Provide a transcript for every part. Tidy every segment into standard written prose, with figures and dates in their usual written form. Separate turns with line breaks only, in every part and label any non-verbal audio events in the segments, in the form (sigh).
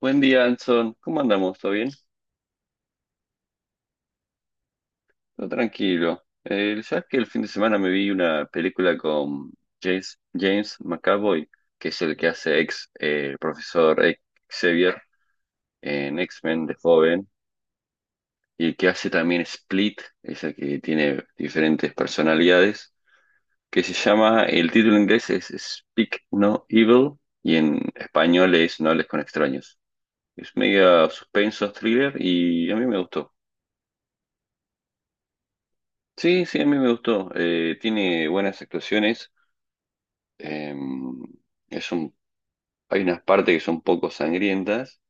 Buen día, Anson. ¿Cómo andamos? ¿Todo bien? Todo tranquilo. ¿Sabes que el fin de semana me vi una película con James McAvoy, que es el que hace ex profesor Xavier en X-Men de joven, y que hace también Split, esa que tiene diferentes personalidades, que se llama, el título en inglés es Speak No Evil, y en español es No hables con extraños. Es media suspenso, thriller, y a mí me gustó. Sí, sí, a mí me gustó. Tiene buenas actuaciones. Eh, es un, hay unas partes que son poco sangrientas,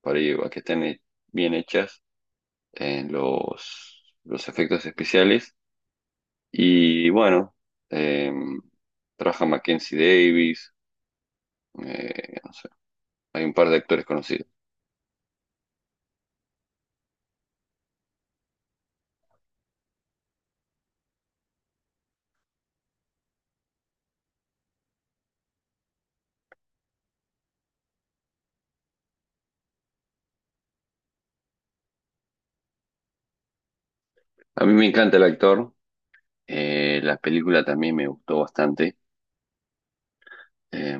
por ahí que están bien hechas en los efectos especiales. Y bueno, eh, trabaja Mackenzie Davis, no sé, hay un par de actores conocidos. A mí me encanta el actor, la película también me gustó bastante. eh,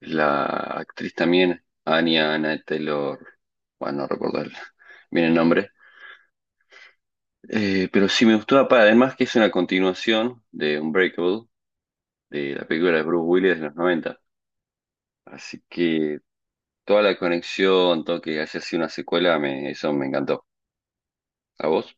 La actriz también, Anya Anna Taylor, bueno, no recuerdo el- bien el nombre. Pero sí me gustó, apa, además que es una continuación de Unbreakable, de la película de Bruce Willis de los noventa. Así que toda la conexión, todo que haya sido una secuela, eso me encantó. ¿A vos?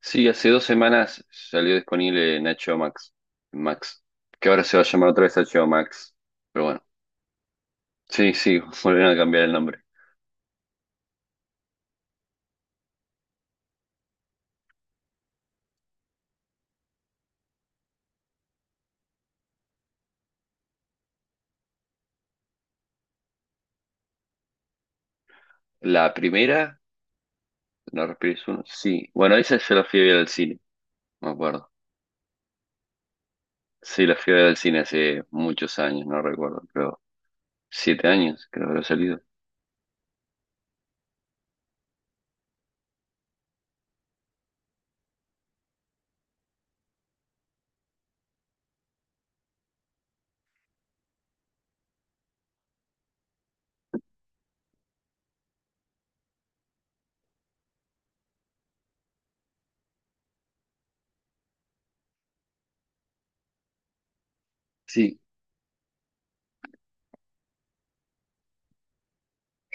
Sí, hace dos semanas salió disponible en HBO Max, Max, que ahora se va a llamar otra vez HBO Max, pero bueno, sí, sí, (laughs) volvieron a cambiar el nombre. La primera No respires uno. Sí. Bueno, esa yo la fui a ver al cine, me acuerdo. Sí, la fui a ver al cine hace muchos años, no recuerdo, pero siete años creo que habrá salido. Sí,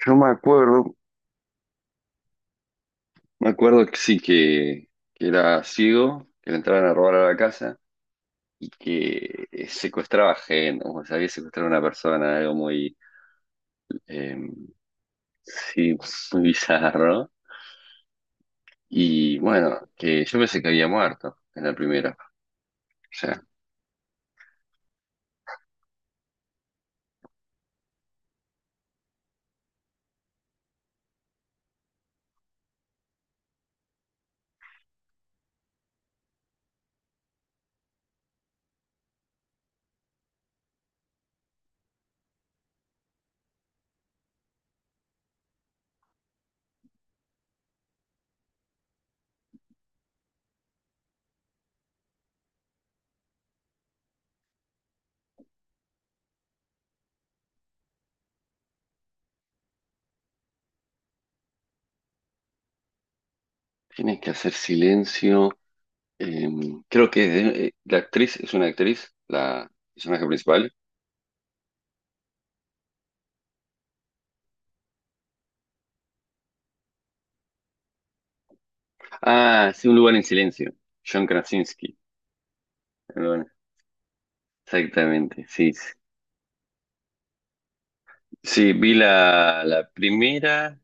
yo me acuerdo que sí, que era ciego, que le entraban a robar a la casa y que secuestraba gente, o sea, había secuestrado a una persona, algo muy, eh, sí, muy bizarro. Y bueno, que yo pensé que había muerto en la primera. O sea, tienes que hacer silencio. Eh, creo que la actriz es una actriz, la personaje principal. Ah, sí, Un lugar en silencio. John Krasinski. Perdón. Exactamente, sí. Sí, sí, vi la primera,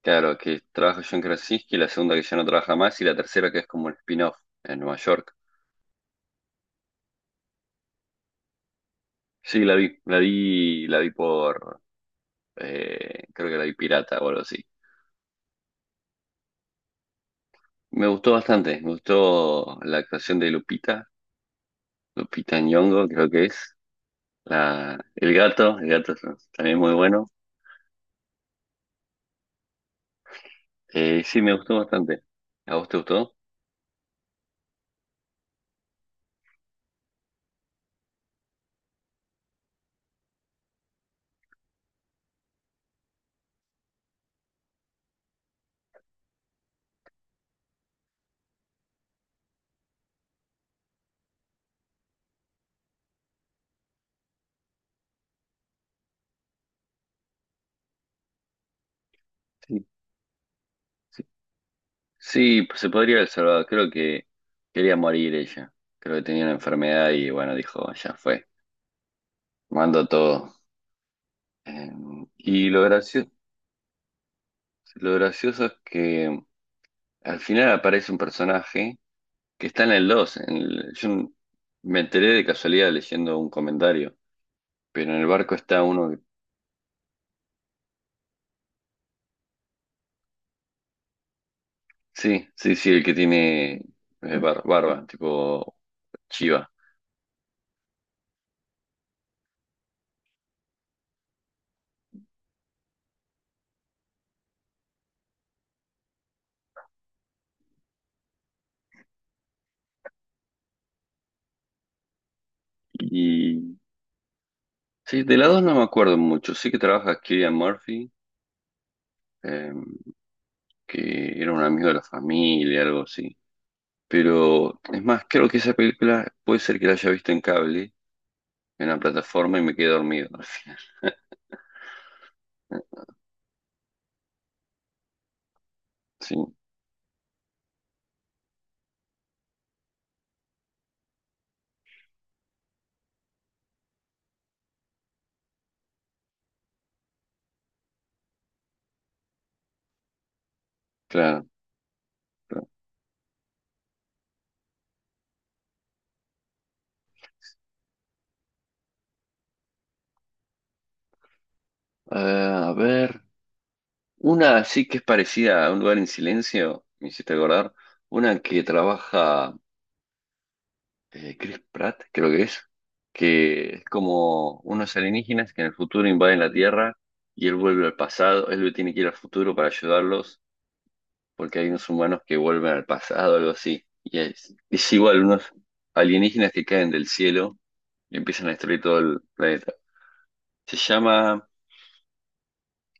claro, que trabaja John Krasinski, la segunda que ya no trabaja más, y la tercera que es como un spin-off en Nueva York. Sí, la vi, la vi, la vi por, creo que la vi pirata o algo así. Me gustó bastante, me gustó la actuación de Lupita, Lupita Nyong'o creo que es. El gato es también muy bueno. Sí, me gustó bastante. ¿A vos te gustó? Sí, sí. Sí, pues se podría haber salvado. Creo que quería morir ella. Creo que tenía una enfermedad y bueno, dijo, ya fue. Mando todo. Eh, y lo gracioso es que al final aparece un personaje que está en el 2 yo me enteré de casualidad leyendo un comentario, pero en el barco está uno. Sí, sí, sí, el que tiene barba, tipo Chiva. Y sí, de la dos no me acuerdo mucho. Sí que trabaja Cillian Murphy, eh, que era un amigo de la familia, algo así. Pero es más, creo que esa película puede ser que la haya visto en cable, en una plataforma, y me quedé dormido al final. (laughs) Sí, claro, claro. Ah, a ver, una sí que es parecida a Un lugar en silencio, me hiciste acordar. Una que trabaja, Chris Pratt, creo que es como unos alienígenas que en el futuro invaden la Tierra y él vuelve al pasado, él tiene que ir al futuro para ayudarlos porque hay unos humanos que vuelven al pasado, algo así. Y es igual, unos alienígenas que caen del cielo y empiezan a destruir todo el planeta. Se llama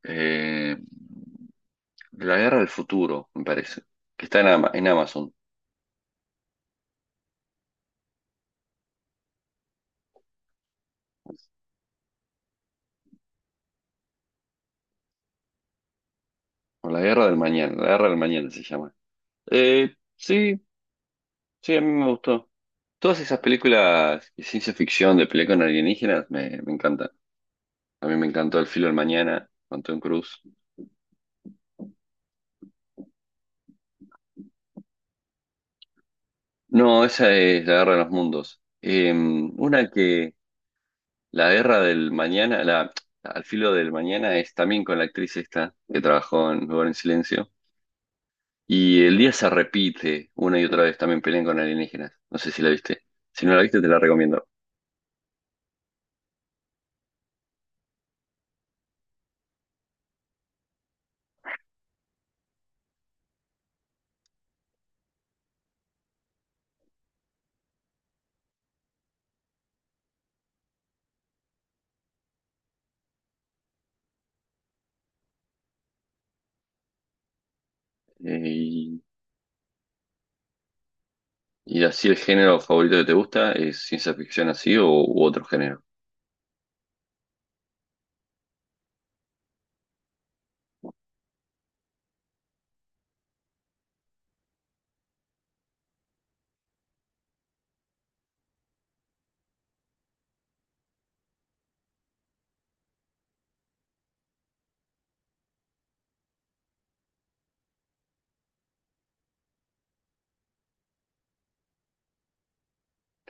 eh, La Guerra del Futuro, me parece, que está en Amazon, o La Guerra del Mañana, La Guerra del Mañana se llama. Sí, sí, a mí me gustó. Todas esas películas de ciencia ficción, de pelea con alienígenas, me encantan. A mí me encantó El filo del mañana, con Tom Cruise. No, esa es La guerra de los mundos. Una que, La guerra del mañana, Al filo del mañana es también con la actriz esta, que trabajó en Lugar en Silencio. Y el día se repite una y otra vez, también pelean con alienígenas. No sé si la viste. Si no la viste, te la recomiendo. Eh, y, y así el género favorito que te gusta es ciencia ficción así o u otro género.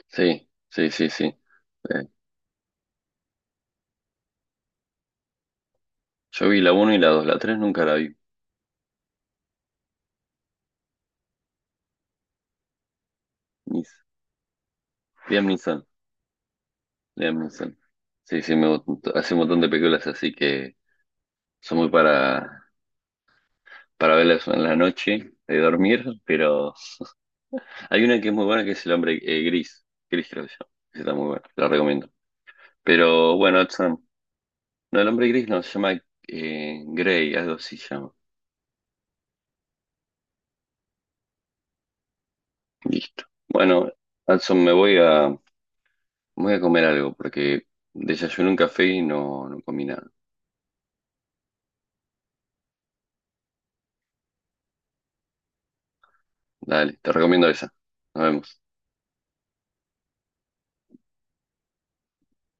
Sí, sí, sí, sí. Eh, yo vi la uno y la 2, la 3 nunca la vi. Mis, Liam Neeson, Liam Neeson. Sí, sí, hace un montón de películas así que son muy para verlas en la noche, de dormir, pero hay una que es muy buena que es El Hombre Gris. Gris creo que se llama. Esa está muy buena, la recomiendo. Pero bueno, Hudson, no, El Hombre Gris no, se llama Grey, algo así se llama. Listo. Bueno, Hudson, me voy a comer algo porque desayuné un café y no, no comí nada. Dale, te recomiendo esa. Nos vemos.